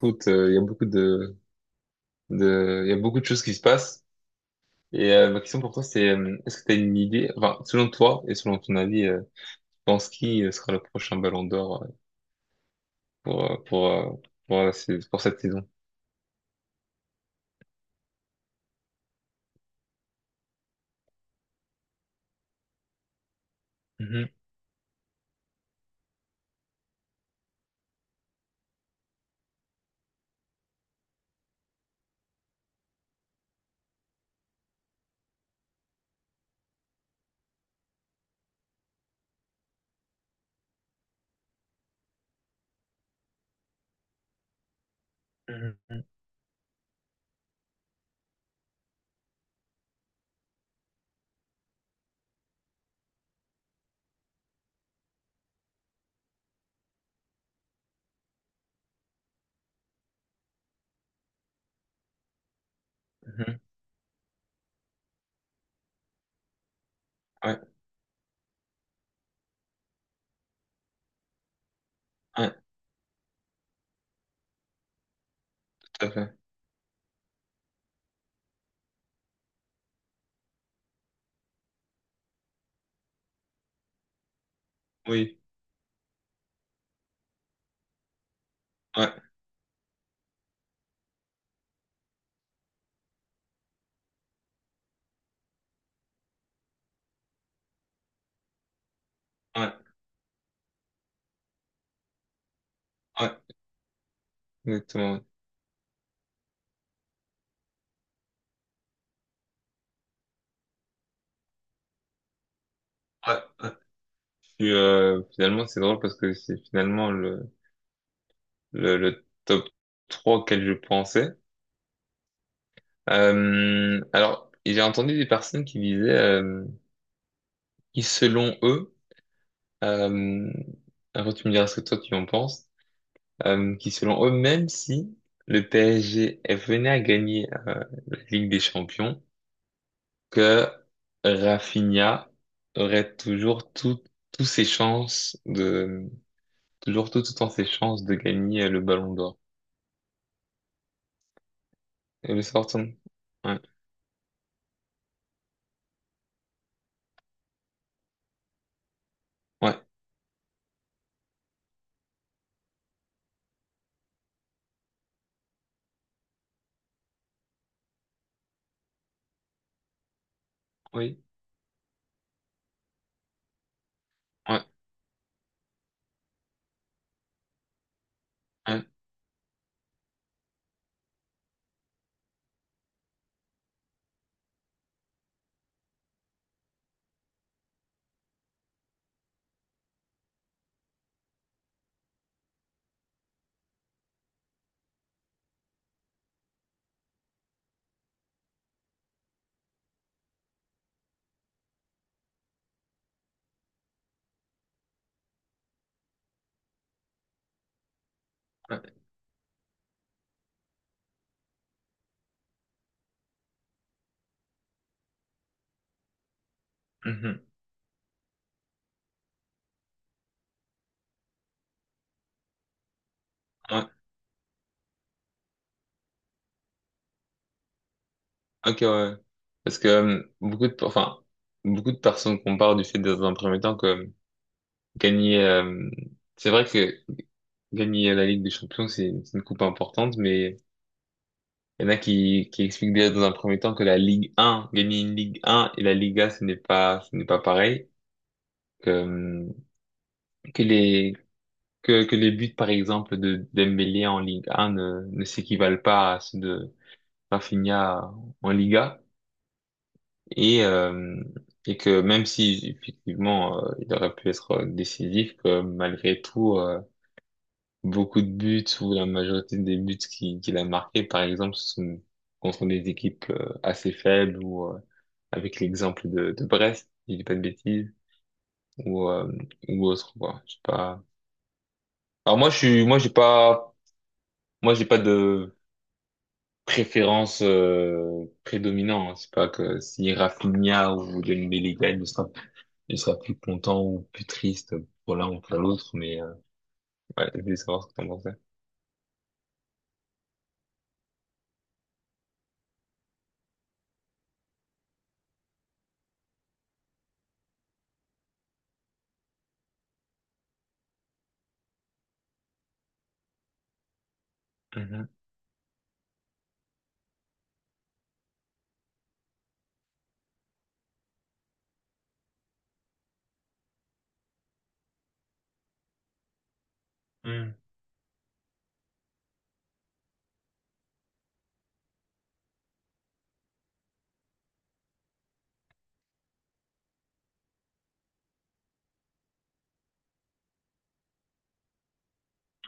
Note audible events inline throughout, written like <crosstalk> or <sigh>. Écoute, il y a beaucoup de, il y a beaucoup de choses qui se passent. Et ma question pour toi, c'est est-ce que tu as une idée, enfin, selon toi et selon ton avis, tu penses qui sera le prochain Ballon d'Or pour, euh, pour, euh, pour, pour cette saison? Mhm, mhm, mhm. Ouais, ouais, tout à fait. Oui, ouais, ouais, ouais, exactement. Ouais, ouais, ouais. Puis, finalement, c'est drôle parce que c'est finalement le top 3 auquel je pensais. Alors, j'ai entendu des personnes qui disaient qui selon eux, euh, après tu me diras ce que toi tu en penses, qui selon eux, même si le PSG venait à gagner la Ligue des Champions, que Rafinha aurait toujours tout, tous ses chances de, toujours tout, tout le temps ses chances de gagner le Ballon d'Or. Et le sortant. Ouais, ouais, oui, ouais, ouais, ouais, mhm, ouais, ok, ouais, ouais. Parce que beaucoup de, enfin, beaucoup de personnes comparent du fait dans un premier temps que gagner, c'est vrai que gagner la Ligue des Champions, c'est une coupe importante, mais il y en a qui expliquent déjà dans un premier temps que la Ligue 1, gagner une Ligue 1 et la Liga, ce n'est pas pareil, que, euh, que les, que les buts, par exemple, de Dembélé en Ligue 1 ne, ne s'équivalent pas à ceux de Rafinha en Liga, et, euh, et que même si, effectivement, il aurait pu être décisif, que malgré tout, beaucoup de buts ou la majorité des buts qu'il a marqués, par exemple, ce sont contre des équipes assez faibles ou avec l'exemple de Brest, si je dis pas de bêtises, ou, euh, ou autre, quoi. Je sais pas. Alors moi, je suis, moi, j'ai pas de préférence prédominante. C'est pas que si Rafinha ou Dembélé gagne, je serai plus content ou plus triste pour l'un ou pour l'autre, mais ouais, je voulais savoir ce que t'en pensais. Mhm. Mhm.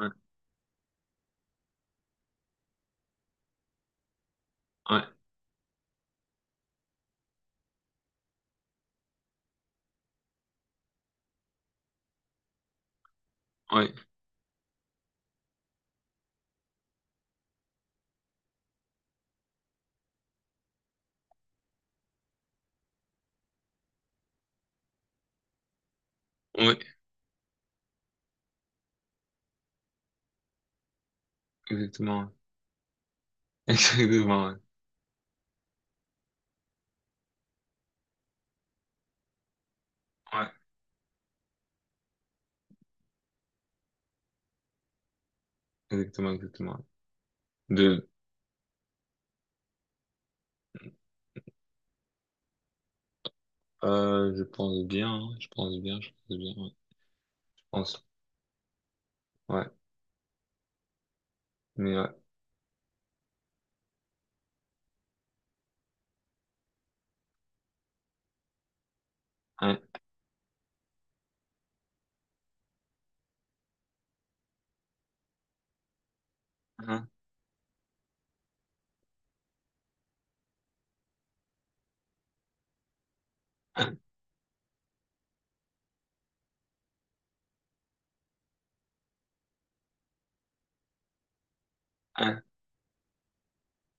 Ouais, ouais, ouais, ouais, exactement. <laughs> Exactement, ouais. Ouais. Exactement, exactement. Ouais. De, je pense bien, hein, je pense bien, ouais. Je pense, ouais. Mais ouais. Hein, hein, hein, hein.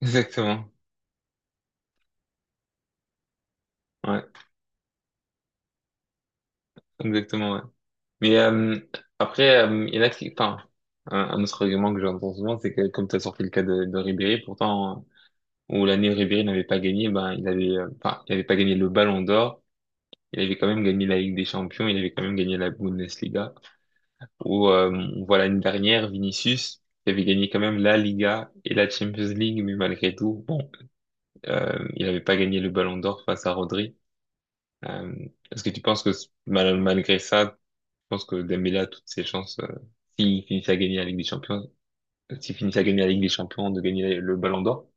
<laughs> Exactement, ouais. Exactement, ouais. Mais après, il y en a qui, enfin, un autre argument que j'entends souvent, c'est que comme tu as sorti le cas de Ribéry, pourtant, où l'année où Ribéry n'avait pas gagné, ben, il avait, enfin, il avait pas gagné le Ballon d'Or, il avait quand même gagné la Ligue des Champions, il avait quand même gagné la Bundesliga. Où voilà une dernière Vinicius qui avait gagné quand même la Liga et la Champions League, mais malgré tout, bon, il n'avait pas gagné le Ballon d'Or face à Rodri. Euh, est-ce que tu penses que malgré ça tu penses que Dembélé a toutes ses chances s'il finit à gagner la Ligue des Champions s'il finit à gagner la Ligue des Champions de gagner le Ballon d'Or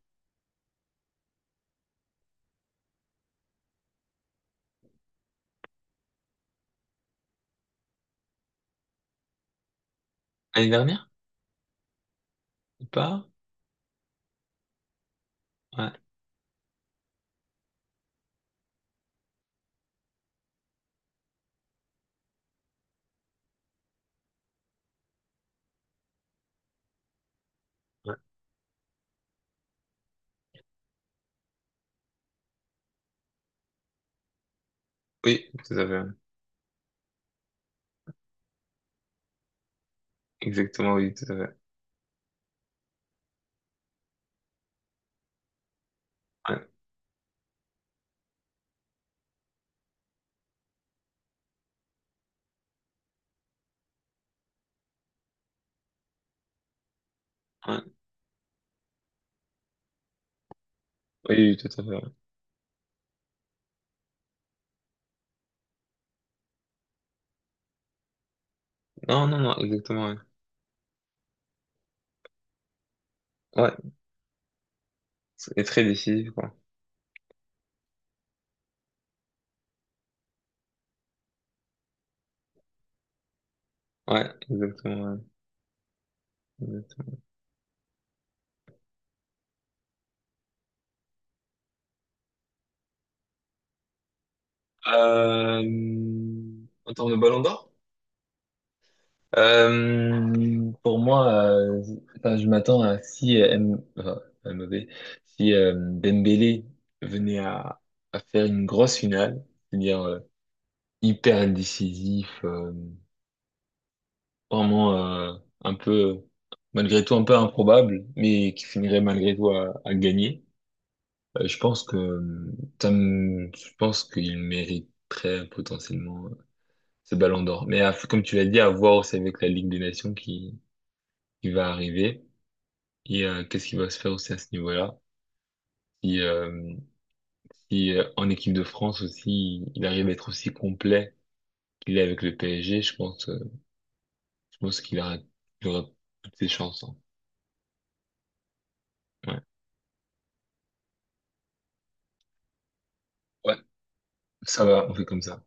l'année dernière ou pas? Ouais, ouais, oui, tout à fait. Ouais, exactement, oui, tout à fait, ouais, ouais, oui, oui, tout à fait, ouais, non, non, non, exactement, ouais, ouais, c'est très décisif quoi, ouais, exactement, ouais. Exactement. Euh, en termes de Ballon d'Or? Pour moi, enfin, je m'attends à si M, enfin, MOV, si Dembélé venait à faire une grosse finale, c'est-à-dire hyper décisif, vraiment un peu malgré tout un peu improbable, mais qui finirait malgré tout à gagner. Je pense que je pense qu'il mériterait potentiellement ce Ballon d'Or. Mais comme tu l'as dit, à voir aussi avec la Ligue des Nations qui va arriver et qu'est-ce qui va se faire aussi à ce niveau-là. Si, si en équipe de France aussi, il arrive à être aussi complet qu'il est avec le PSG, je pense qu'il aura, il aura toutes ses chances, hein. Ouais. Ouais, ça va, on fait comme ça.